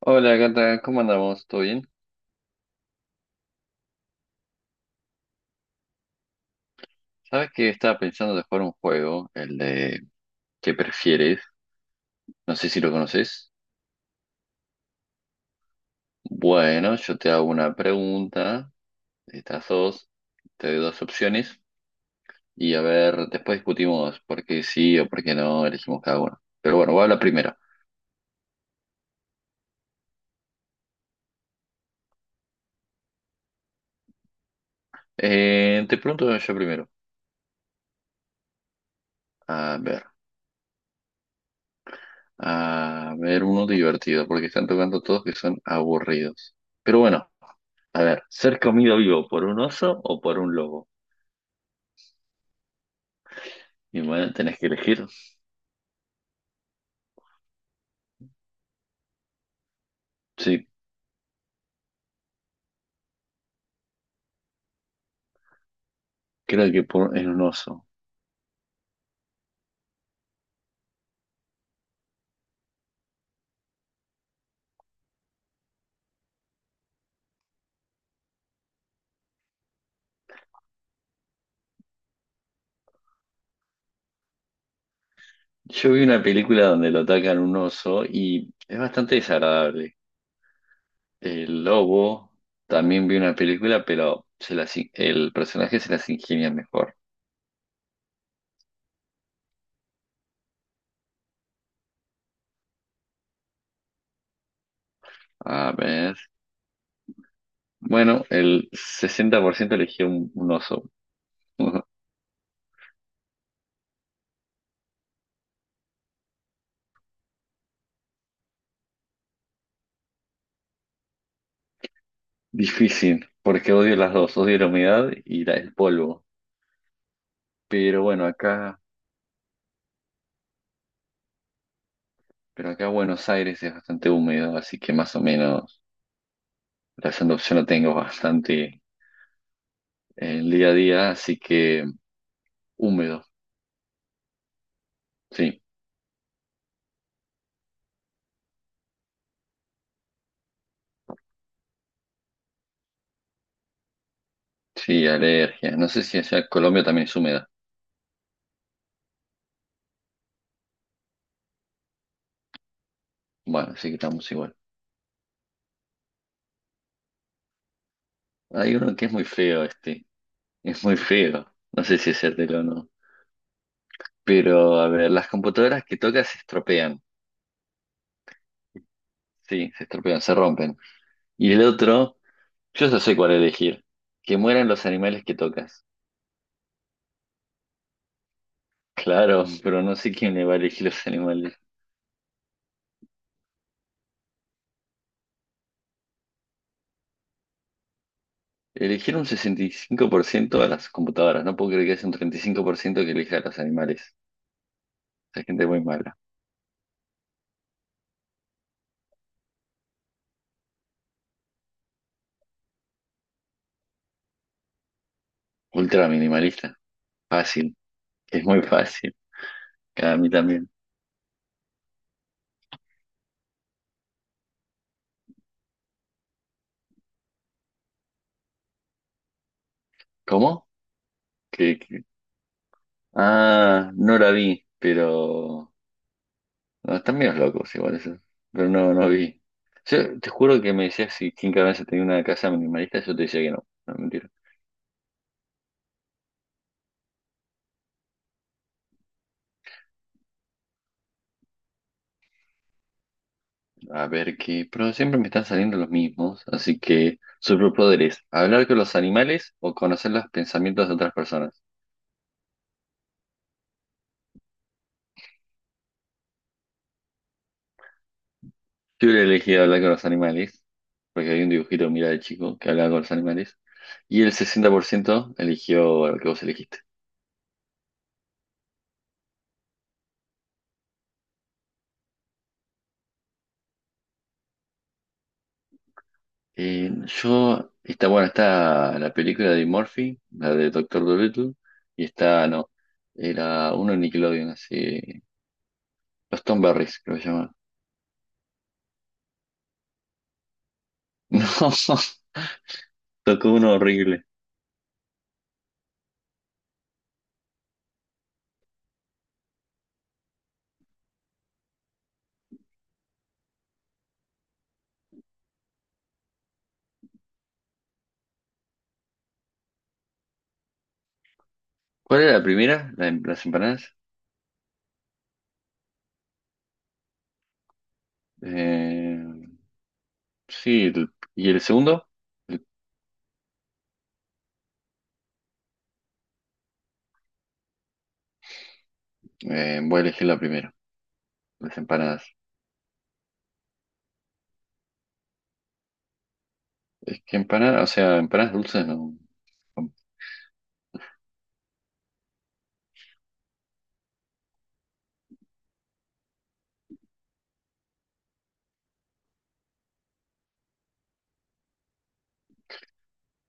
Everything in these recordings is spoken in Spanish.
Hola gata, ¿cómo andamos? ¿Todo bien? ¿Sabes que estaba pensando de jugar un juego, el de ¿qué prefieres? No sé si lo conoces. Bueno, yo te hago una pregunta, estas dos, te doy dos opciones y a ver, después discutimos por qué sí o por qué no elegimos cada uno. Pero bueno, voy a la primera. Te pregunto yo primero. A ver, a ver uno divertido, porque están tocando todos que son aburridos. Pero bueno, a ver, ¿ser comido vivo por un oso o por un lobo? Y bueno, tenés que elegir. Sí, creo que por, en un oso. Yo vi una película donde lo atacan un oso y es bastante desagradable. El lobo también vi una película, pero el personaje se las ingenia mejor. A ver. Bueno, el 60% eligió un oso. Difícil, porque odio las dos, odio la humedad y el polvo. Pero bueno, acá, pero acá Buenos Aires es bastante húmedo, así que más o menos la segunda opción la tengo bastante el día a día, así que húmedo, sí, sí, alergia. No sé si allá Colombia también es húmeda. Bueno, así que estamos igual. Hay uno que es muy feo este, es muy feo. No sé si hacértelo o no. Pero, a ver, las computadoras que tocas se estropean, sí, se estropean, se rompen. Y el otro, yo ya sé cuál elegir. Que mueran los animales que tocas. Claro, pero no sé quién le va a elegir los animales. Eligieron un 65% a las computadoras. No puedo creer que haya un treinta y cinco por ciento que elija a los animales. Hay gente muy mala. Ultra minimalista. Fácil. Es muy fácil. A mí también. ¿Cómo? ¿Que? Ah, no la vi, pero no, están medios locos igual eso. Pero no, no vi. Yo te juro que me decías si Kim Kardashian tenía una casa minimalista, yo te decía que no. No, mentira. A ver qué. Pero siempre me están saliendo los mismos. Así que superpoderes. Hablar con los animales o conocer los pensamientos de otras personas. Yo hubiera elegido hablar con los animales, porque hay un dibujito, mira, de chico que hablaba con los animales, y el 60% eligió lo que vos elegiste. Eh, yo, está bueno, está la película de Murphy, la de Doctor Dolittle, y está, no, era uno de Nickelodeon, así, los Tom Berries, creo que se llama. No, tocó uno horrible. ¿Cuál era la primera? ¿La, las empanadas? Eh, sí, y el segundo, el- voy a elegir la primera, las empanadas. Es que empanadas, o sea, empanadas dulces no.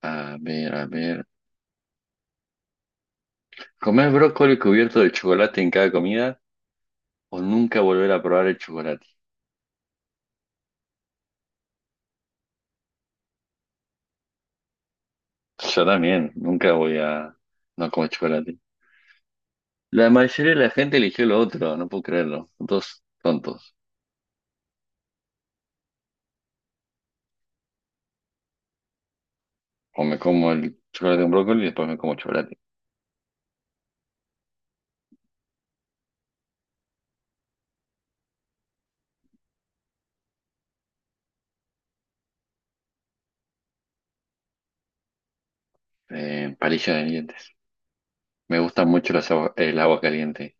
A ver, a ver. ¿Comer brócoli cubierto de chocolate en cada comida o nunca volver a probar el chocolate? Yo también, nunca voy a no comer chocolate. La mayoría de la gente eligió lo otro, no puedo creerlo. Son todos tontos. O me como el chocolate con brócoli y después me como chocolate. Palillos de dientes. Me gusta mucho el agua caliente.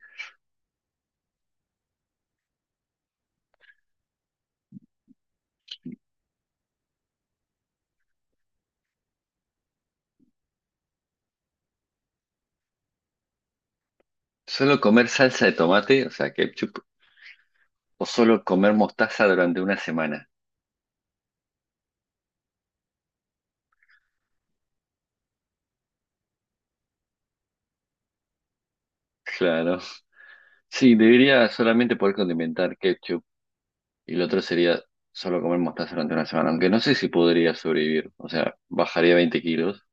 Solo comer salsa de tomate, o sea, ketchup, o solo comer mostaza durante una semana. Claro. Sí, debería solamente poder condimentar ketchup y lo otro sería solo comer mostaza durante una semana, aunque no sé si podría sobrevivir, o sea, bajaría 20 kilos.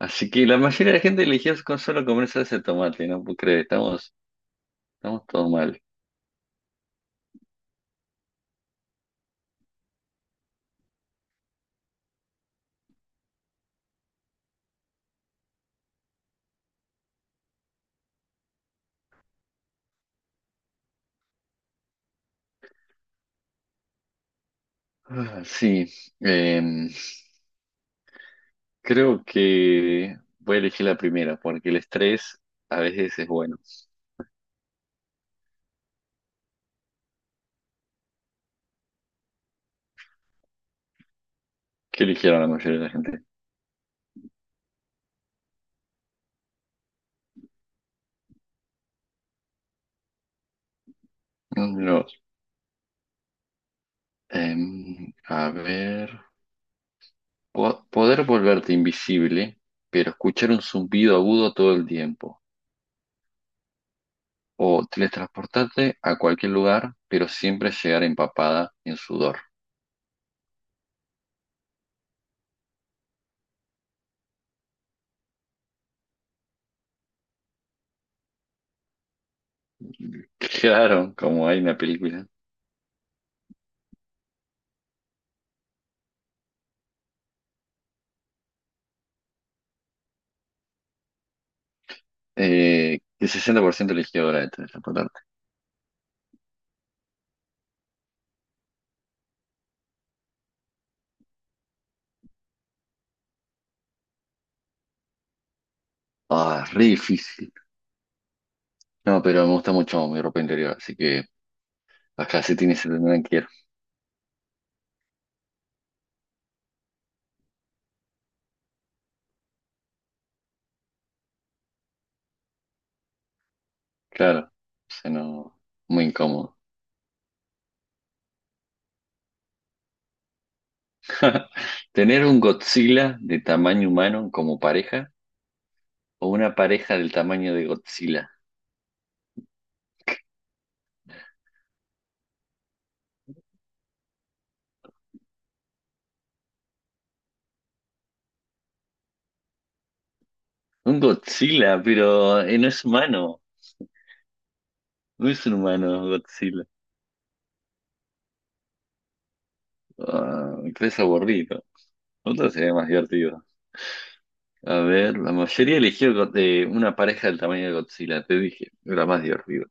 Así que la mayoría de la gente eligió con solo comer salsa de tomate, ¿no? ¿Puedo creer? Estamos todos mal. Ah, sí, em, Creo que voy a elegir la primera, porque el estrés a veces es bueno. ¿Qué eligieron la mayoría de la gente? No, a ver. Poder volverte invisible, pero escuchar un zumbido agudo todo el tiempo. O teletransportarte a cualquier lugar, pero siempre llegar empapada en sudor. Claro, como hay una película. El 60% eligió ahora de teletransportarte. Ah, re difícil. No, pero me gusta mucho mi ropa interior, así que las calcetines se tendrán que ir. Claro, se no, muy incómodo. Tener un Godzilla de tamaño humano como pareja, o una pareja del tamaño de Godzilla. Un Godzilla, pero no es humano. No es un humano Godzilla. Ah, es aburrido. Otro sería más divertido. A ver, la mayoría eligió de una pareja del tamaño de Godzilla, te dije. Era más divertido.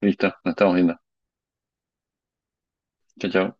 Listo, nos estamos viendo. Chao, chao.